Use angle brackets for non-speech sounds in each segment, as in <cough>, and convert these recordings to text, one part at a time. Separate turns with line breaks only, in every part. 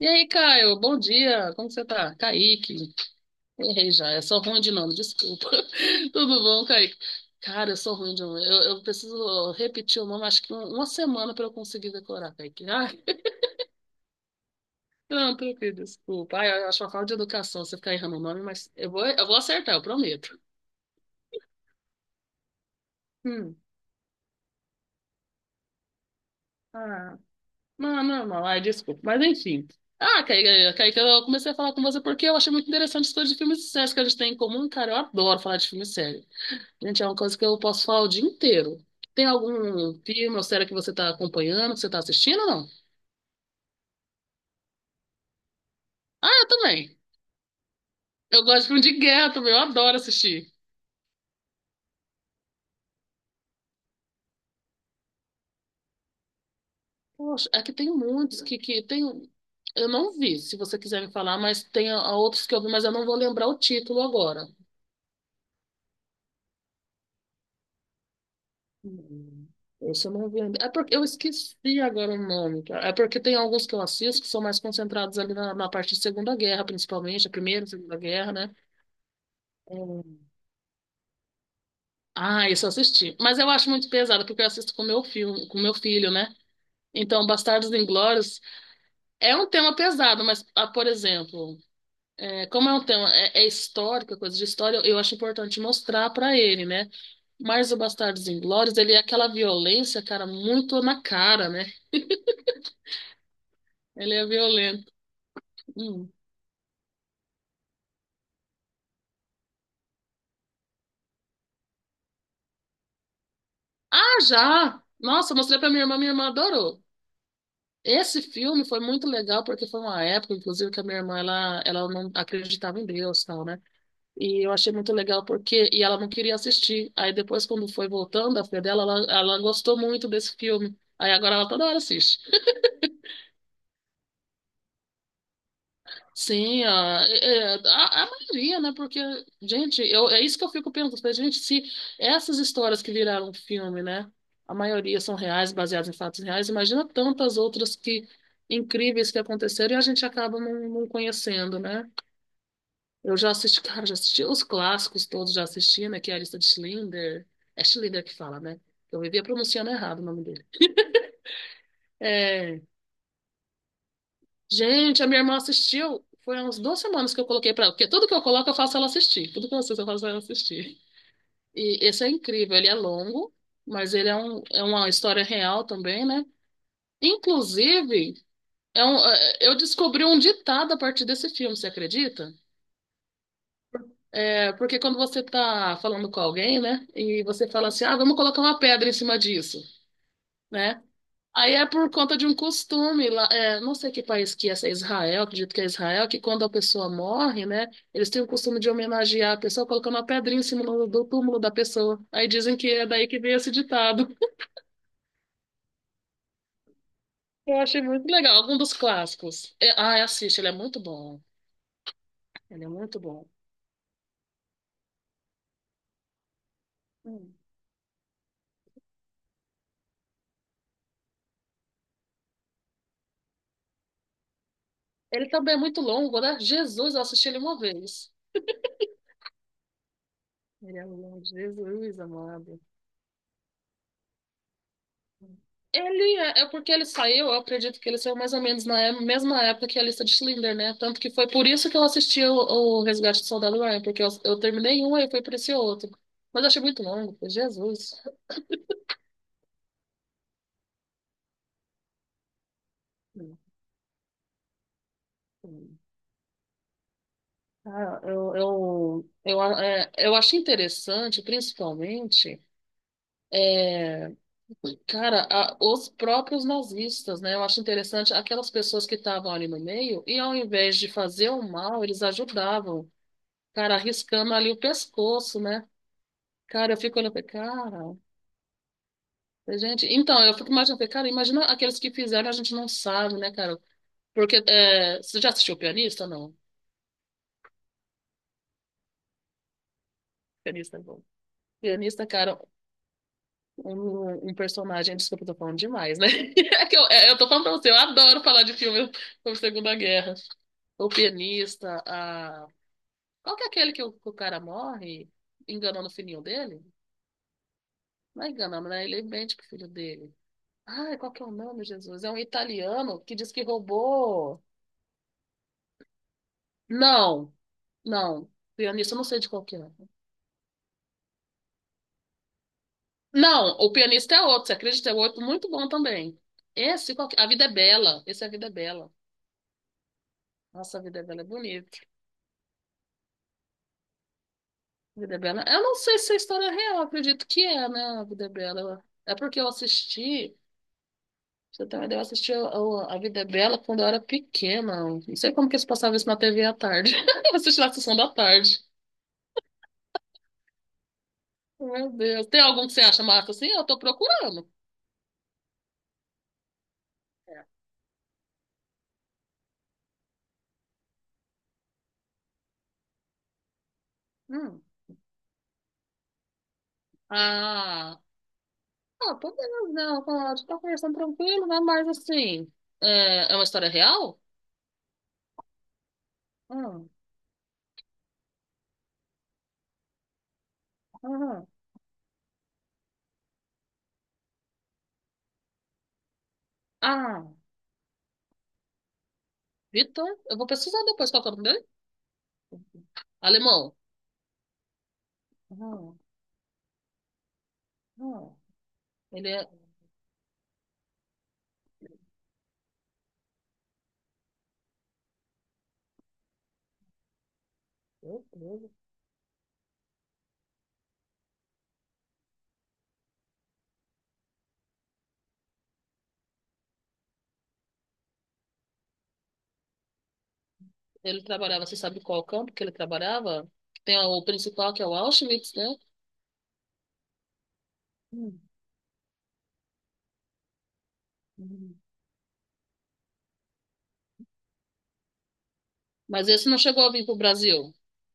E aí, Caio, bom dia, como que você tá? Kaique, errei já, é só ruim de nome, desculpa. <laughs> Tudo bom, Kaique? Cara, eu sou ruim de nome, eu preciso repetir o nome, acho que uma semana para eu conseguir decorar, Kaique. Ai, <laughs> não, tranquilo, desculpa. Ai, eu acho uma falta de educação você ficar errando o nome, mas eu vou acertar, eu prometo. Hum. Ah, não, normal, ai, desculpa, mas enfim. Ah, Kaique, eu comecei a falar com você porque eu achei muito interessante as coisas de filmes e séries que a gente tem em comum, cara, eu adoro falar de filme e série. Gente, é uma coisa que eu posso falar o dia inteiro. Tem algum filme ou série que você está acompanhando, que você está assistindo ou não? Ah, eu também. Eu gosto de filme de guerra também, eu adoro assistir. Poxa, é que tem muitos que tem. Eu não vi, se você quiser me falar, mas tem a outros que eu vi, mas eu não vou lembrar o título agora. Hum, Esse eu não vi ainda. É porque eu esqueci agora o nome, cara. É porque tem alguns que eu assisto que são mais concentrados ali na parte de Segunda Guerra, principalmente, a Primeira e Segunda Guerra, né? Ah, isso eu assisti. Mas eu acho muito pesado, porque eu assisto com meu filho, né? Então, Bastardos Inglórios é um tema pesado, mas, ah, por exemplo, é, como é um é histórico, é coisa de história, eu acho importante mostrar pra ele, né? Mas o Bastardos Inglórios, ele é aquela violência, cara, muito na cara, né? Ele é violento. Hum. Ah, já! Nossa, eu mostrei pra minha irmã adorou. Esse filme foi muito legal porque foi uma época, inclusive, que a minha irmã ela não acreditava em Deus, tal, né? E eu achei muito legal porque e ela não queria assistir. Aí depois, quando foi voltando, a filha dela, ela gostou muito desse filme. Aí agora ela toda hora assiste. Sim, a, é- é, a maioria, né? Porque, gente, eu, é isso que eu fico pensando. Falei, gente, se essas histórias que viraram um filme, né? A maioria são reais, baseadas em fatos reais. Imagina tantas outras que incríveis que aconteceram e a gente acaba não conhecendo, né? Eu já assisti, <laughs> cara, já assisti os clássicos todos, já assisti, né? Que é a lista de Schindler. É Schindler que fala, né? Eu vivia pronunciando errado o nome dele. É, gente, a minha irmã assistiu. Foi há uns duas semanas que eu coloquei pra ela. Porque tudo que eu coloco, eu faço ela assistir. Tudo que eu assisto, eu faço ela assistir. E esse é incrível. Ele é longo, mas ele é, é uma história real também, né? Inclusive, eu descobri um ditado a partir desse filme, você acredita? É, porque quando você está falando com alguém, né, e você fala assim, ah, vamos colocar uma pedra em cima disso, né? Aí é por conta de um costume lá, é, não sei que país que é, se é Israel, acredito que é Israel, que quando a pessoa morre, né, eles têm o costume de homenagear a pessoa colocando uma pedrinha em cima do túmulo da pessoa. Aí dizem que é daí que veio esse ditado. <laughs> Eu achei muito legal, um dos clássicos. É, ah, assiste, ele é muito bom. Ele é muito bom. Hum. Ele também é muito longo, né? Jesus, eu assisti ele uma vez. Ele é o nome de Jesus, amado. Ele é, é porque ele saiu, eu acredito que ele saiu mais ou menos na mesma época que a lista de Schindler, né? Tanto que foi por isso que eu assisti o Resgate do Soldado Ryan, porque eu terminei um e foi por esse outro. Mas eu achei muito longo, foi Jesus. Sim, sim. Ah, eu acho interessante, principalmente, é, cara, os próprios nazistas, né? Eu acho interessante aquelas pessoas que estavam ali no meio e ao invés de fazer o mal, eles ajudavam. Cara, arriscando ali o pescoço, né? Cara, eu fico olhando, falei, cara, gente, então, eu fico imaginando, falei, cara, imagina aqueles que fizeram, a gente não sabe, né, cara? Porque, é, você já assistiu Pianista, ou não? Pianista é bom. Pianista, cara, um personagem, desculpa, eu tô falando demais, né? <laughs> É que eu, é, eu tô falando pra você, eu adoro falar de filme sobre Segunda Guerra. O Pianista, a... Qual que é aquele que que o cara morre enganando o filhinho dele? Não é enganando, né? Ele mente pro filho dele. Ai, qual que é o nome, Jesus? É um italiano que diz que roubou. Não, não. Pianista, eu não sei de qual que é. Não, o pianista é outro, você acredita? É outro muito bom também. Esse, qual que... A Vida é Bela. Esse é A Vida é Bela. Nossa, A Vida é Bela é bonito. A Vida é Bela. Eu não sei se é história real, acredito que é, né? A Vida é Bela. É porque eu assisti. Você também deu assistir A Vida é Bela quando eu era pequena. Não sei como que eles passavam isso na TV à tarde. <laughs> Eu assisti na sessão da tarde. Meu Deus. Tem algum que você acha massa assim? Eu tô procurando. É. Hum. Ah, ah, por que não, pode. Tá conversando tranquilo, né? Mas assim, é uma história real? Hum, uhum, ah, Vitor, eu vou pesquisar depois qual que é o nome dele. Alemão. Uhum, uhum. Ele, é- Meu Deus. Ele trabalhava, você sabe qual campo que ele trabalhava? Tem o principal, que é o Auschwitz, né? Hum, uhum. Mas esse não chegou a vir pro Brasil.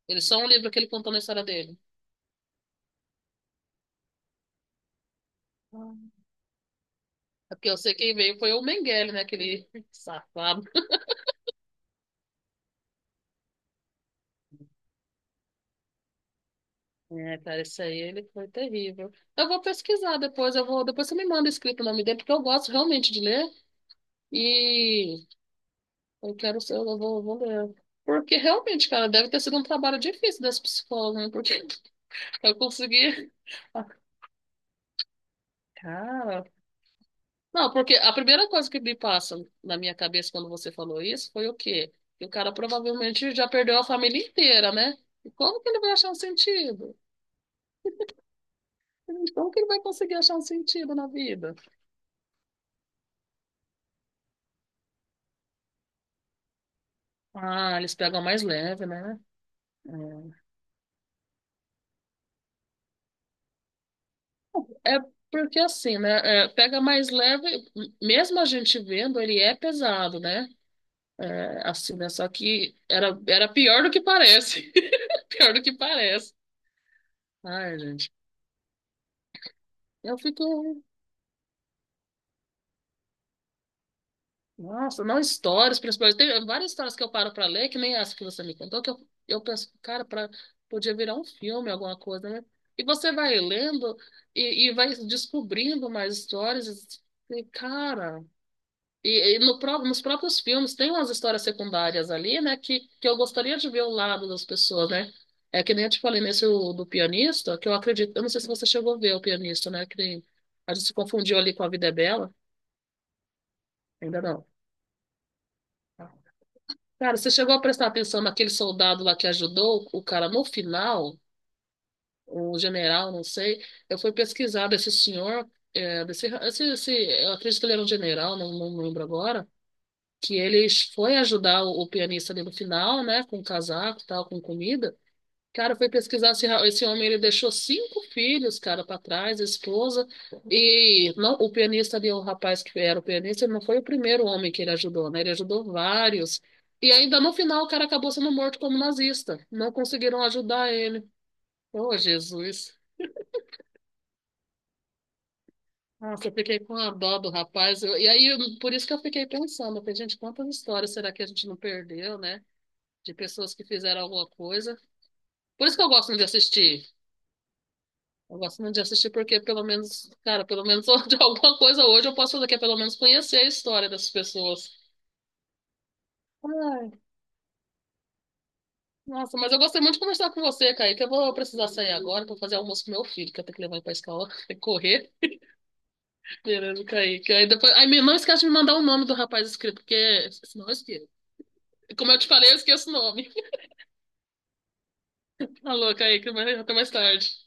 Ele só um livro que ele contou na história dele. É. Porque eu sei quem veio foi o Mengele, né? Aquele <laughs> safado. É, cara, isso aí ele foi terrível. Eu vou pesquisar depois, depois você me manda escrito o nome dele, porque eu gosto realmente de ler e eu quero ser, vou ler. Porque realmente, cara, deve ter sido um trabalho difícil das psicólogas, né? Porque <laughs> eu consegui. Ah, cara. Não, porque a primeira coisa que me passa na minha cabeça quando você falou isso foi o quê? Que o cara provavelmente já perdeu a família inteira, né? E como que ele vai achar um sentido? Então que ele vai conseguir achar um sentido na vida? Ah, eles pegam mais leve, né? É, é porque assim, né? Pega mais leve, mesmo a gente vendo, ele é pesado, né? É, assim, né? Só que era pior do que parece. <laughs> Pior do que parece. Ai, gente. Eu fico. Nossa, não histórias, principalmente. Tem várias histórias que eu paro pra ler, que nem essa que você me contou, eu penso, cara, pra, podia virar um filme, alguma coisa, né? E você vai lendo e vai descobrindo mais histórias. E, cara, e no, pró- nos próprios filmes tem umas histórias secundárias ali, né? Que eu gostaria de ver o lado das pessoas, né? É que nem eu te falei nesse do pianista, que eu acredito. Eu não sei se você chegou a ver o pianista, né? Que nem, a gente se confundiu ali com A Vida é Bela. Ainda não. Cara, você chegou a prestar atenção naquele soldado lá que ajudou o cara no final, o general, não sei. Eu fui pesquisar desse senhor, é, desse, esse, esse- eu acredito que ele era um general, não lembro agora, que ele foi ajudar o pianista ali no final, né, com casaco e tal, com comida. Cara, eu fui pesquisar esse homem, ele deixou cinco filhos, cara, para trás, esposa. E não, o pianista ali, o rapaz que era o pianista, ele não foi o primeiro homem que ele ajudou, né? Ele ajudou vários. E ainda no final o cara acabou sendo morto como nazista. Não conseguiram ajudar ele. Ô, Jesus. Nossa, eu fiquei com a dó do rapaz. Por isso que eu fiquei pensando, eu falei, gente, quantas histórias será que a gente não perdeu, né? De pessoas que fizeram alguma coisa. Por isso que eu gosto de assistir. Eu gosto muito de assistir porque pelo menos, cara, pelo menos <laughs> de alguma coisa hoje eu posso fazer, que é pelo menos conhecer a história dessas pessoas. Ai, nossa, mas eu gostei muito de conversar com você, Kaique. Eu vou precisar sair agora para fazer almoço pro meu filho, que eu tenho que levar ele pra escola, <laughs> tem que correr. Beleza, Kaique. Aí depois, não esquece de me mandar o nome do rapaz inscrito, porque senão eu esqueço. Como eu te falei, eu esqueço o nome. <laughs> Alô, Kaique, mas até mais tarde.